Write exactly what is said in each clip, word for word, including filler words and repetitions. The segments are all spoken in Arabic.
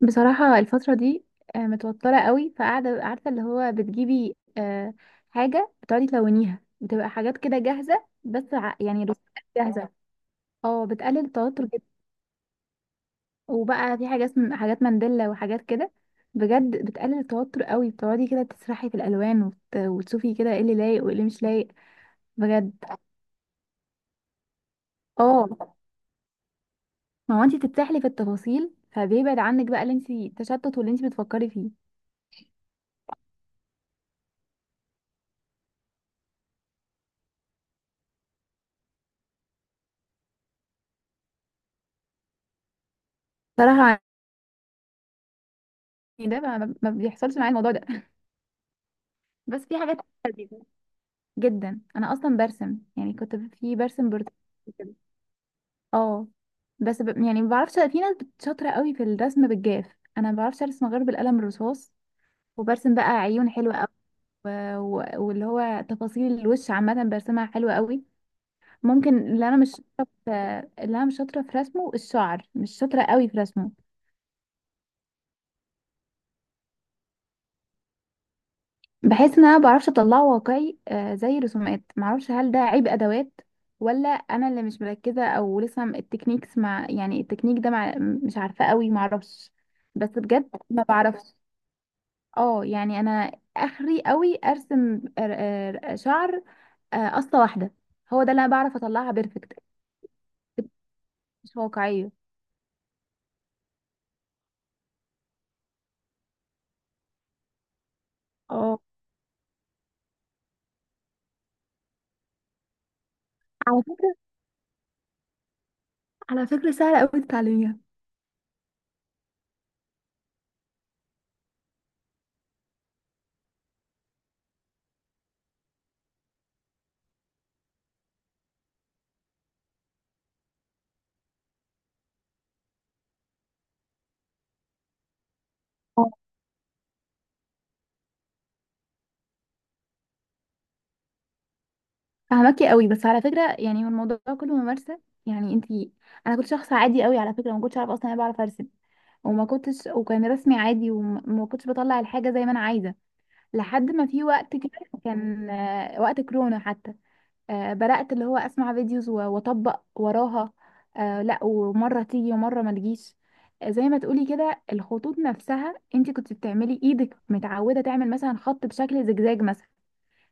بصراحة الفترة دي، آه، متوترة قوي، فقاعدة عارفة اللي هو بتجيبي، آه، حاجة بتقعدي تلونيها، بتبقى حاجات كده جاهزة، بس ع- يعني رسومات جاهزة. اه، بتقلل التوتر جدا. وبقى في حاجة اسم حاجات مانديلا وحاجات كده. بجد بتقلل التوتر قوي، بتقعدي كده تسرحي في الألوان وت- وتشوفي كده ايه اللي لايق وايه اللي مش لايق. بجد. اه، ما هو انتي تتسحلي في التفاصيل فبيبعد عنك بقى اللي انتي تشتت واللي انتي بتفكري فيه. صراحة، يعني ده ما ما- ما بيحصلش معايا الموضوع ده. بس في حاجات لذيذة جدا. انا اصلا برسم، يعني كنت في برسم برتقالي كده. اه. بس ب... يعني ما بعرفش، في ناس بت- شاطره قوي في الرسم بالجاف. انا ما بعرفش ارسم غير بالقلم الرصاص. وبرسم بقى عيون حلوه قوي و... و... واللي هو تفاصيل الوش عامه برسمها حلوه قوي. ممكن اللي انا مش شاطره في... اللي انا مش شاطره في رسمه الشعر، مش شاطره قوي في رسمه. بحيث ان انا ما بعرفش اطلعه واقعي، آه، زي الرسومات. معرفش، هل ده عيب ادوات، ولا انا اللي مش مركزه، او لسه م- التكنيكس مع، يعني التكنيك ده مع، مش عارفه قوي، معرفش. بس بجد ما بعرفش. اه يعني انا اخري قوي ارسم، ر- آه، ر- شعر، آه، قصه واحده. هو ده اللي انا بعرف اطلعها بيرفكت، مش واقعيه. اه، على فكرة، على فكرة سهلة أوي تتعلميها. فهمكي قوي، بس على فكره يعني هو الموضوع كله ممارسه. يعني انت انا كنت شخص عادي قوي على فكره، ما كنتش اعرف اصلا انا بعرف ارسم، وما كنتش وكان رسمي عادي، وما كنتش بطلع الحاجه زي ما انا عايزه، لحد ما في وقت كده كان، آه، وقت كورونا حتى، آه، بدات اللي هو اسمع فيديوز و- واطبق وراها، آه، لا ومره تيجي ومره ما تجيش. آه، زي ما تقولي كده، الخطوط نفسها انت كنت بتعملي ايدك متعوده تعمل مثلا خط بشكل زجزاج مثلا،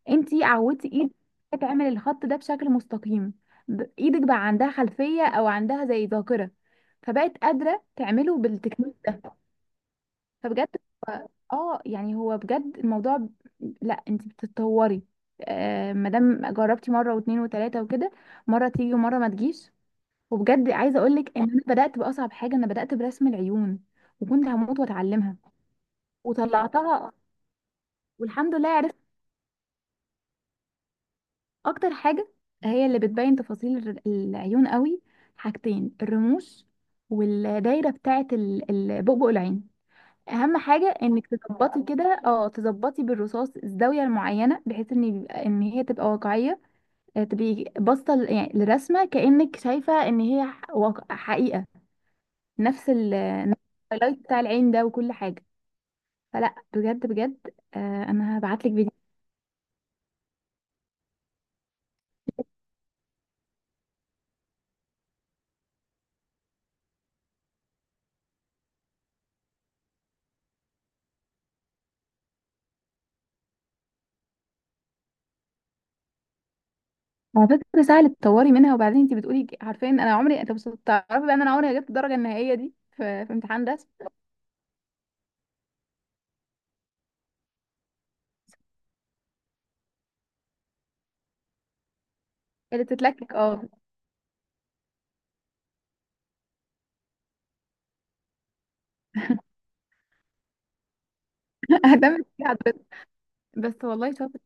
انتي عودتي ايدك تعمل الخط ده بشكل مستقيم. ب- ايدك بقى عندها خلفية او عندها زي ذاكرة، فبقت قادرة تعمله بالتكنيك ده. فبجد، هو- اه يعني هو بجد الموضوع ب- لا انتي بتتطوري. آه، مادام جربتي مرة واتنين وتلاتة وكده، مرة تيجي ومرة ما تجيش. وبجد عايزة اقولك ان انا بدأت بأصعب حاجة، انا بدأت برسم العيون وكنت هموت واتعلمها، وطلعتها والحمد لله. اكتر حاجه هي اللي بتبين تفاصيل الر- العيون قوي، حاجتين: الرموش والدايره بتاعه ال- ال- بؤبؤ العين. اهم حاجه انك تظبطي كده، اه تظبطي بالرصاص الزاويه المعينه بحيث ان يبقى- ان هي تبقى واقعيه، آه، تبقي باصه ل- يعني للرسمه كانك شايفه ان هي ح- واقع- حقيقه. نفس الهايلايت بتاع العين ده وكل حاجه. فلا، بجد بجد، آه، انا هبعتلك فيديو. على فكرة سهل تطوري منها. وبعدين انت بتقولي ج- عارفة ان انا عمري، انت بس تعرفي بقى ان انا عمري ما جبت الدرجة النهائية دي في, في امتحان رسم. اللي بتتلكك اه. اهتمت بيها حضرتك، بس والله شاطر.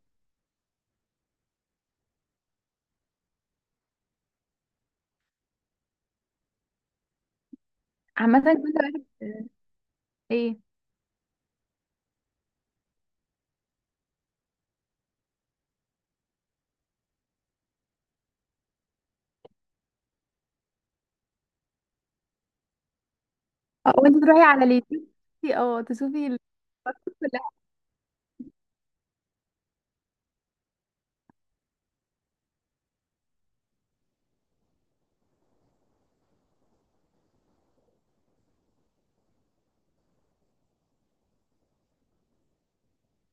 عامة كنت بقى- ايه. اه، وانت تروحي على اليوتيوب تي- اه تشوفي ال- كلها.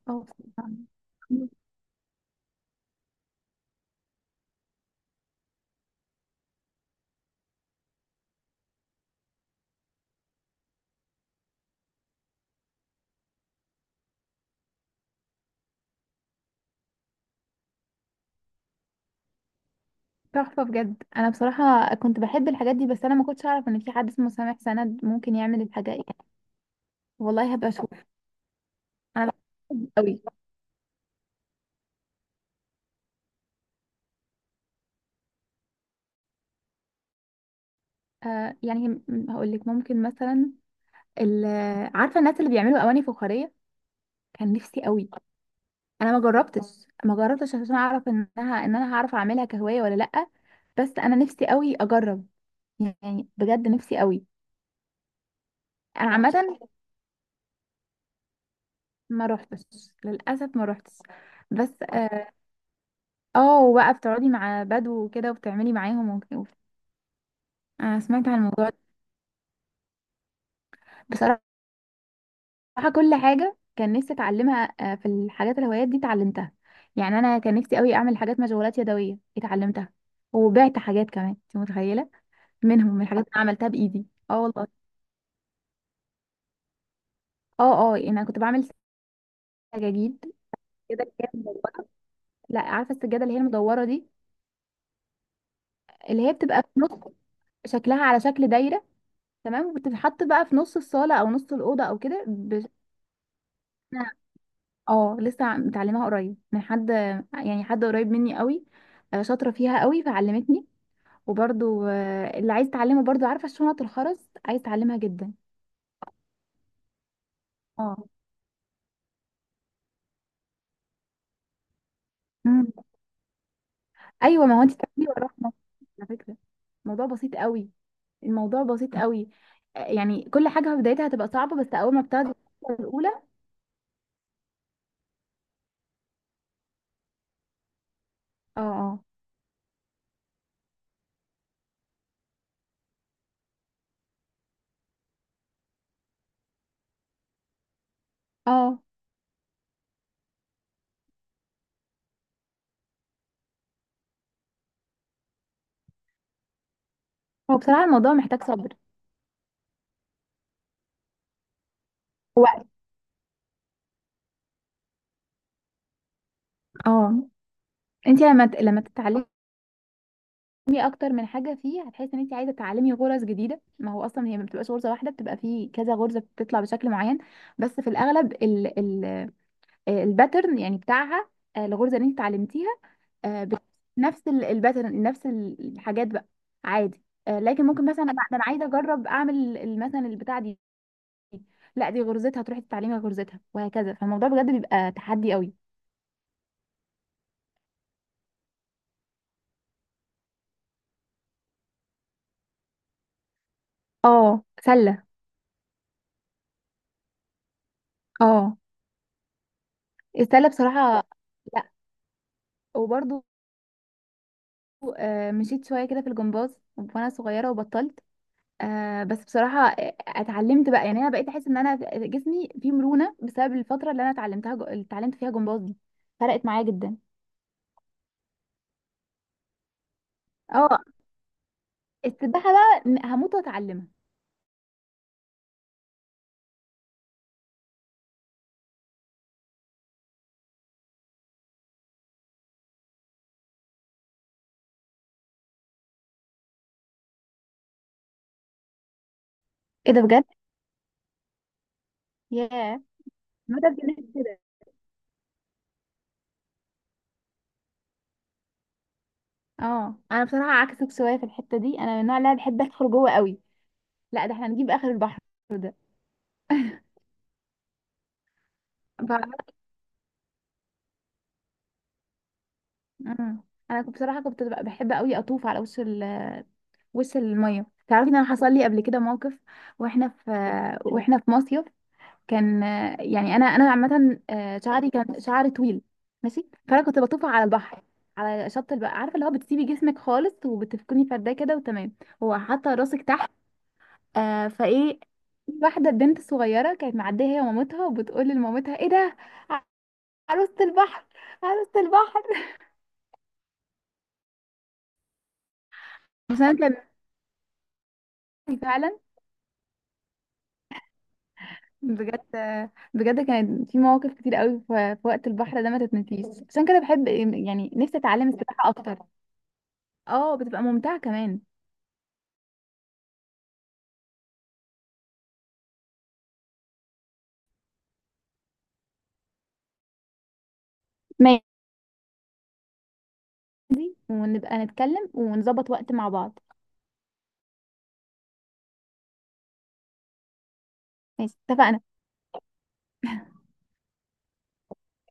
اه بصراحة. تحفة بجد. انا بصراحة كنت بحب الحاجات دي، بس انا ما كنتش اعرف ان في حد اسمه سامح سند ممكن يعمل الحاجة يعني. والله هبقى اشوف. انا بحب قوي. آه يعني هقول لك ممكن مثلا ال- عارفه الناس اللي بيعملوا اواني فخاريه، كان نفسي قوي، انا ما جربتش ما جربتش عشان اعرف انها، ان انا هعرف اعملها كهوايه ولا لا، بس انا نفسي قوي اجرب، يعني بجد نفسي قوي. انا عامه ما روحتش للاسف، ما روحتش. بس اه، آه، وبقى بتقعدي مع بدو وكده وبتعملي معاهم وك- وف- انا سمعت عن الموضوع ده. بصراحه، صراحة كل حاجة كان نفسي اتعلمها، آه، في الحاجات الهوايات دي اتعلمتها. يعني انا كان نفسي قوي اعمل حاجات مشغولات يدوية، اتعلمتها وبعت حاجات كمان، انت متخيلة، منهم من الحاجات اللي أنا عملتها بايدي. اه والله. اه اه يعني انا كنت بعمل سجاجيد كده اللي هي مدورة. لا عارفة السجادة اللي هي المدورة دي، اللي هي بتبقى في نص، شكلها على شكل دايرة، تمام، وبتتحط بقى في نص الصالة او نص الأوضة او كده بش... أنا- اه لسه متعلمها قريب من حد، يعني حد قريب مني قوي، آه، شاطرة فيها قوي فعلمتني. وبرضو آه، اللي عايز تعلمه برضو، عارفه شنط الخرز، عايز تعلمها جدا. اه. مم. ايوه، ما هو انت تعملي وراها مصر. على فكره الموضوع بسيط قوي، الموضوع بسيط قوي آه، يعني كل حاجه في بدايتها هتبقى صعبه، بس اول ما بتاخدي الخطوة الاولى. اه اه. اه هو بصراحه الموضوع محتاج صبر. وقت. اه. انت لما ت- لما تتعلمي اكتر من حاجه فيه، هتحسي ان انت عايزه تتعلمي غرز جديده. ما هو اصلا هي ما بتبقاش غرزه واحده، بتبقى فيه كذا غرزه بتطلع بشكل معين. بس في الاغلب آه، الباترن يعني بتاعها، آه، الغرزه اللي انت اتعلمتيها، آه، بت- نفس ال- الباترن نفس ال- الحاجات بقى عادي. آه، لكن ممكن مثلا أبقى- ده انا عايزه اجرب اعمل ال- مثلا البتاع دي، لا دي غرزتها، تروحي تتعلمي غرزتها وهكذا. فالموضوع بجد بيبقى تحدي قوي. اه سله. اه. السله بصراحه. لا. وبرضو آه، مشيت شويه كده في الجمباز وانا صغيره وبطلت. آه بس بصراحة اتعلمت بقى، يعني انا بقيت احس ان انا جسمي فيه مرونة بسبب الفترة اللي انا اتعلمتها جو... اللي اتعلمت فيها جمباز دي، فرقت معايا جدا. اه. السباحة بقى ن- هموت واتعلمها. ايه ده بجد. ياه، ما ده بجد كده. اه انا بصراحة عكسك شوية في الحتة دي، انا من النوع اللي أنا بحب ادخل جوه قوي. لا ده احنا نجيب اخر البحر ده. بعرف. مم. انا كنت- بصراحة كنت ببقى بحب قوي اطوف على وش ال... وش المية. تعرفي ان انا حصل لي قبل كده موقف، واحنا في واحنا في مصيف، كان، آه، يعني انا انا عامه، آه، شعري، كان شعري طويل، ماشي، فانا كنت بطوف على البحر، على شط البحر، عارفه اللي هو بتسيبي جسمك خالص وبتفكني فرداه كده وتمام، هو حاطه راسك تحت، آه فايه واحده بنت صغيره كانت معديه هي ومامتها، وبتقول لمامتها: ايه ده؟ عروسه البحر، عروسه البحر. بس انا كان فعلا بجد، آه، بجد كانت في مواقف كتير قوي ف- في وقت البحر ده ما تتنسيش، عشان كده بحب يعني نفسي اتعلم السباحه اكتر. اه بتبقى ممتعه كمان. دي ونبقى نتكلم ونظبط وقت مع بعض. ماشي اتفقنا.